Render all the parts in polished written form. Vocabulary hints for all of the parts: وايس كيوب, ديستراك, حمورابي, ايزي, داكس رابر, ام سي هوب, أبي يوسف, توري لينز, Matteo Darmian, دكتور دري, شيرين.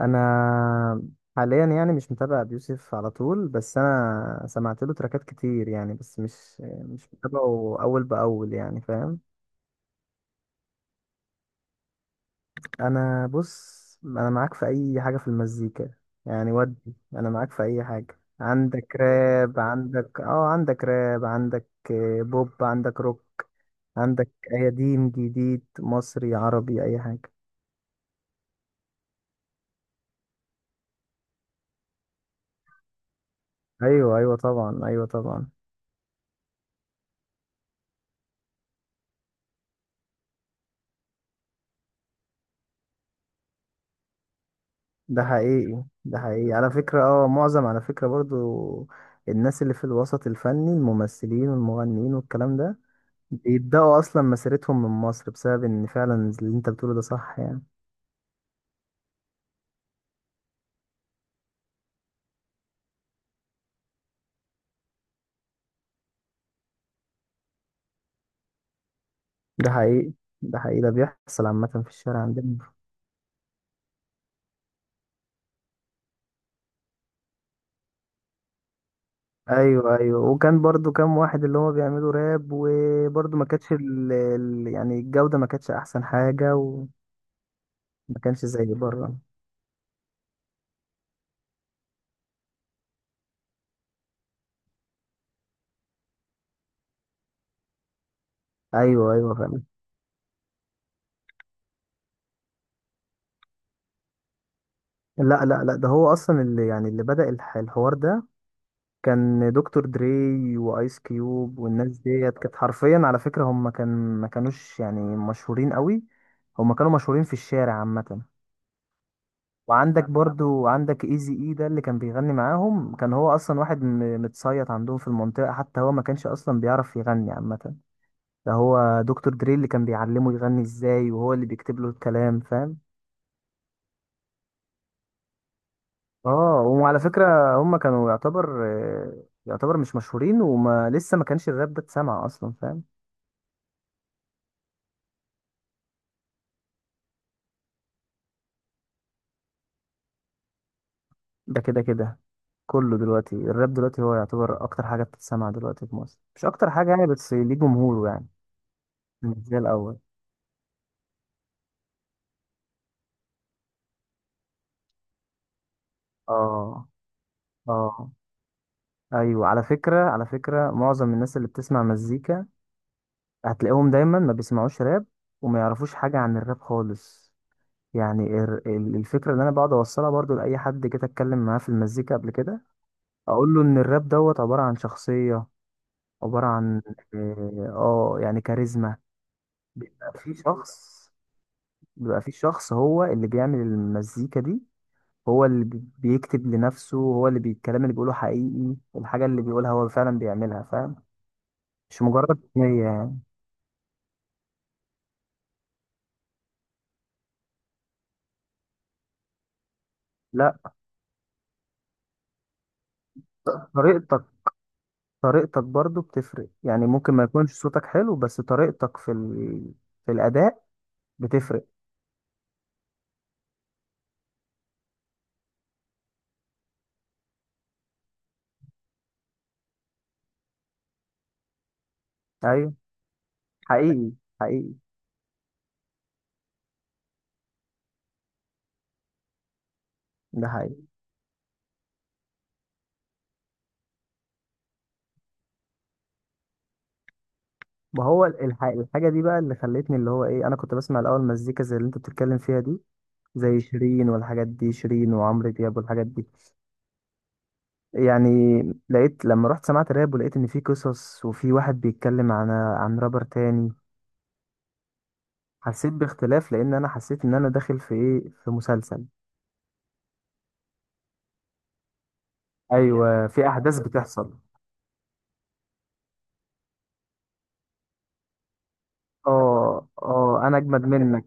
انا حاليا يعني مش متابع ابي يوسف على طول، بس انا سمعت له تراكات كتير يعني. بس مش متابعه اول باول، يعني فاهم. انا بص، انا معاك في اي حاجه في المزيكا يعني. ودي انا معاك في اي حاجه. عندك راب، عندك عندك راب، عندك بوب، عندك روك. عندك قديم جديد مصري عربي اي حاجه. ايوه ايوه طبعا، ايوه طبعا. ده حقيقي ده حقيقي على فكرة. برضو الناس اللي في الوسط الفني، الممثلين والمغنيين والكلام ده، بيبدأوا أصلا مسيرتهم من مصر، بسبب إن فعلا اللي أنت بتقوله ده صح يعني. ده حقيقي ده حقيقي، ده بيحصل عامة في الشارع عندنا. أيوه أيوه. وكان برضو كام واحد اللي هما بيعملوا راب، وبرضو ما كانتش يعني الجودة ما كانتش أحسن حاجة. وما كانش زي بره. أيوه أيوه فعلا. لا لا لا، ده هو أصلا اللي بدأ الحوار ده، كان دكتور دري وايس كيوب والناس ديت. كانت حرفيا على فكرة، هم كان ما كانوش يعني مشهورين قوي. هم كانوا مشهورين في الشارع عامة. وعندك برضو، عندك ايزي اي، ده اللي كان بيغني معاهم. كان هو اصلا واحد متصيط عندهم في المنطقة. حتى هو ما كانش اصلا بيعرف يغني عامة. ده هو دكتور دري اللي كان بيعلمه يغني ازاي، وهو اللي بيكتب له الكلام فاهم. اه، وعلى فكرة هم كانوا يعتبر، يعتبر مش مشهورين، وما لسه ما كانش الراب ده اتسمع اصلا فاهم. ده كده كده، كله دلوقتي الراب دلوقتي هو يعتبر اكتر حاجه بتتسمع دلوقتي في مصر. مش اكتر حاجه يعني، بس ليه جمهوره يعني. مش زي الاول. اه اه. ايوه، على فكره على فكره، معظم الناس اللي بتسمع مزيكا هتلاقيهم دايما ما بيسمعوش راب، وما يعرفوش حاجه عن الراب خالص. يعني الفكره اللي انا بقعد اوصلها برضو لاي حد جيت اتكلم معاه في المزيكا قبل كده، اقول له ان الراب دوت عباره عن شخصيه، عباره عن اه، يعني كاريزما. بيبقى في شخص، بيبقى في شخص هو اللي بيعمل المزيكا دي، هو اللي بيكتب لنفسه، هو اللي الكلام اللي بيقوله حقيقي، الحاجة اللي بيقولها هو فعلا بيعملها فاهم. مش مجرد هي يعني. لا، طريقتك، طريقتك برضو بتفرق يعني. ممكن ما يكونش صوتك حلو، بس طريقتك في الأداء بتفرق. أيوه حقيقي حقيقي. ده حقيقي. ما هو الحاجة دي بقى اللي خلتني اللي هو إيه، أنا كنت بسمع الأول مزيكا زي اللي أنت بتتكلم فيها دي، زي شيرين والحاجات دي، شيرين وعمرو دياب والحاجات دي يعني. لقيت لما رحت سمعت راب، ولقيت ان في قصص وفي واحد بيتكلم عن رابر تاني. حسيت باختلاف لان انا حسيت ان انا داخل في ايه، في مسلسل. ايوه، في احداث بتحصل. اه اه، انا اجمد منك.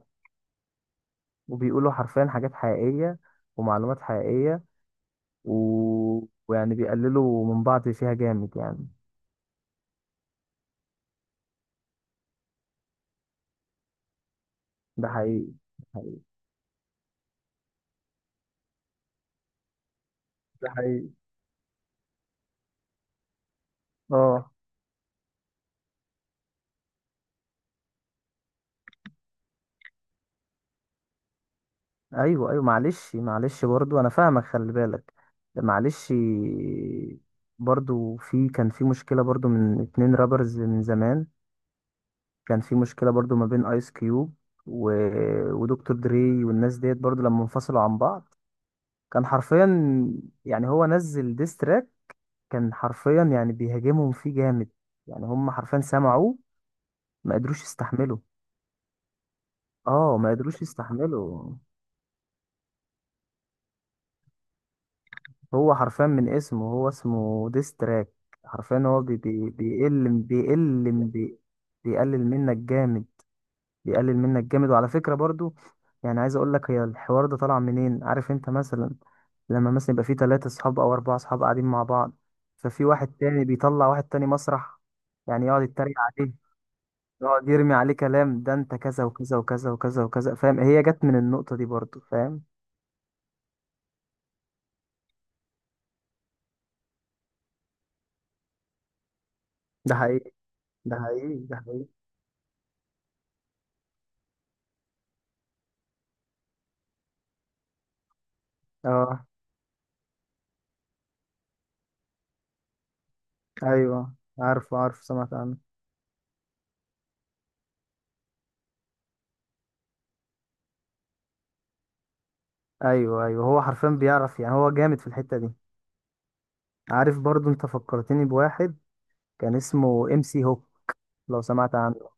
وبيقولوا حرفيا حاجات حقيقية ومعلومات حقيقية. و... ويعني بيقللوا من بعض فيها جامد يعني. ده حقيقي ده حقيقي ده حقيقي. اه ايوه ايوه، معلش معلش، برضو انا فاهمك، خلي بالك. معلش. برضو كان في مشكله برضو من اتنين رابرز من زمان. كان في مشكله برضو ما بين ايس كيوب و... ودكتور دري والناس ديت، برضو لما انفصلوا عن بعض. كان حرفيا، يعني هو نزل ديستراك، كان حرفيا يعني بيهاجمهم فيه جامد يعني. هم حرفيا سمعوه ما قدروش يستحملوا. اه، ما قدروش يستحملوا. هو حرفيا من اسمه، هو اسمه ديستراك. حرفيا هو بي بي بيقل بيقل بي بيقلل منك جامد، بيقلل منك جامد. وعلى فكرة برضو، يعني عايز اقول لك هي الحوار ده طالع منين. عارف انت مثلا لما مثلا يبقى في ثلاثة اصحاب او اربعة اصحاب قاعدين مع بعض، ففي واحد تاني بيطلع واحد تاني مسرح يعني، يقعد يتريق عليه، يقعد يرمي عليه كلام، ده انت كذا وكذا وكذا وكذا وكذا فاهم. هي جت من النقطة دي برضو فاهم. ده حقيقي ده حقيقي ده حقيقي. اه ايوه، عارف عارف، سمعت عنه. ايوه ايوه، هو حرفيا بيعرف يعني، هو جامد في الحتة دي. عارف، برضو انت فكرتني بواحد كان اسمه ام سي هوب، لو سمعت عنه.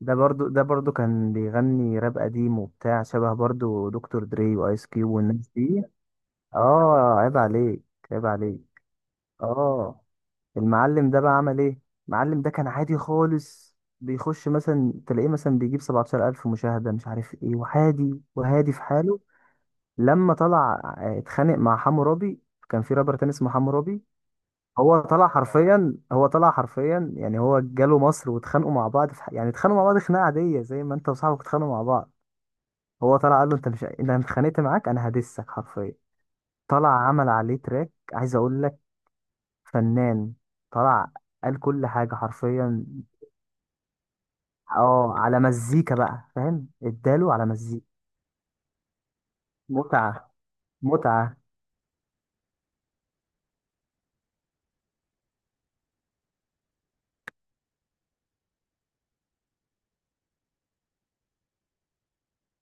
ده برضو ده برضو كان بيغني راب قديم وبتاع، شبه برضو دكتور دري وايس كيوب والناس دي. اه عيب عليك، عيب عليك. اه، المعلم ده بقى عمل ايه؟ المعلم ده كان عادي خالص، بيخش مثلا، تلاقيه مثلا بيجيب 17,000 مشاهدة، مش عارف ايه، وعادي وهادي في حاله. لما طلع اتخانق مع حمورابي، كان في رابر تاني اسمه حمورابي. هو طلع حرفيا، هو طلع حرفيا يعني هو جاله مصر واتخانقوا مع بعض يعني اتخانقوا مع بعض خناقه عاديه، زي ما انت وصاحبك اتخانقوا مع بعض. هو طلع قال له انت مش انت، انا اتخانقت معاك انا هدسك حرفيا. طلع عمل عليه تراك، عايز اقول لك، فنان. طلع قال كل حاجه حرفيا. اه، على مزيكا بقى فاهم، اداله على مزيكا. متعه، متعه.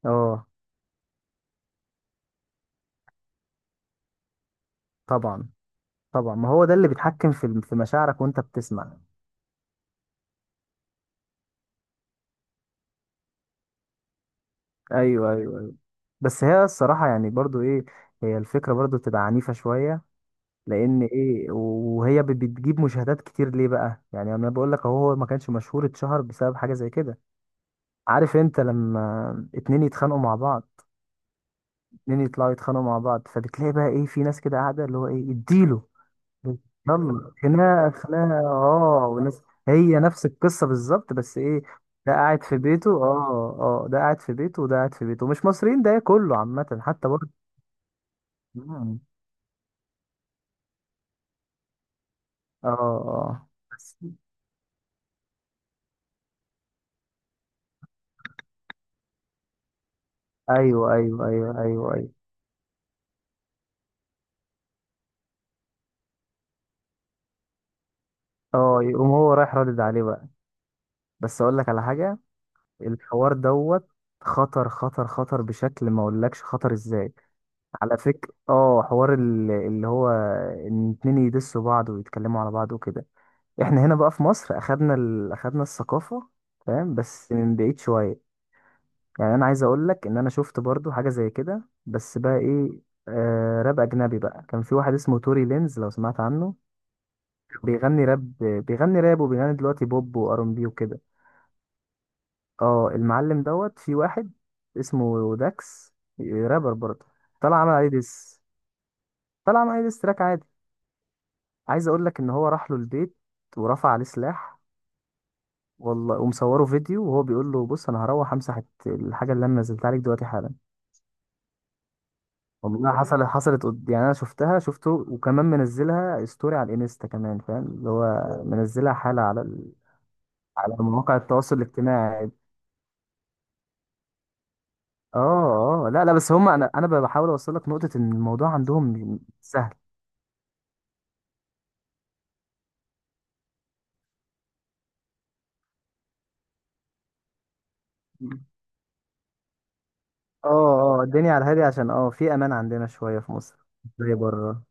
اه طبعا طبعا، ما هو ده اللي بيتحكم في مشاعرك وانت بتسمع. ايوه ايوه. بس هي الصراحه يعني برضو ايه، هي الفكره برضو بتبقى عنيفه شويه. لان ايه، وهي بتجيب مشاهدات كتير ليه بقى يعني. انا بقول لك اهو، هو ما كانش مشهور، اتشهر بسبب حاجه زي كده. عارف انت لما اتنين يتخانقوا مع بعض، اتنين يطلعوا يتخانقوا مع بعض، فبتلاقي بقى ايه، في ناس كده قاعده اللي هو ايه اديله. يلا خناقة خناقة اه، وناس. هي نفس القصة بالظبط بس ايه، ده قاعد في بيته اه اه، ده قاعد في بيته وده قاعد في بيته. مش مصريين، ده كله عامة حتى برضه. مم. اه اه ايوه ايوه ايوه ايوه ايوه. اه، يقوم هو رايح رادد عليه بقى. بس اقول لك على حاجة، الحوار دوت خطر خطر خطر بشكل ما اقولكش خطر ازاي. على فكرة اه حوار اللي هو ان اتنين يدسوا بعض ويتكلموا على بعض وكده. احنا هنا بقى في مصر اخدنا اخدنا الثقافة فاهم، بس من بعيد شوية يعني. انا عايز اقول لك ان انا شفت برضو حاجة زي كده، بس بقى ايه، آه راب اجنبي بقى. كان في واحد اسمه توري لينز، لو سمعت عنه. بيغني راب، بيغني راب وبيغني دلوقتي بوب وار ام بي وكده. اه، المعلم دوت في واحد اسمه داكس، رابر برضه. طلع عمل عليه ديس. طلع عمل عليه ديس تراك عادي. عايز اقول لك ان هو راح له البيت ورفع عليه سلاح، والله، ومصوره فيديو وهو بيقول له بص، انا هروح امسح الحاجه اللي انا نزلتها عليك دلوقتي حالا. والله حصلت، حصلت يعني انا شفتها شفته وكمان منزلها ستوري على الانستا كمان فاهم، اللي هو منزلها حاله على مواقع التواصل الاجتماعي. اه اه لا لا، بس هم، انا انا بحاول اوصل لك نقطه ان الموضوع عندهم سهل. اه اه، الدنيا على الهادي عشان اه في امان عندنا شويه في مصر. مش زي بره.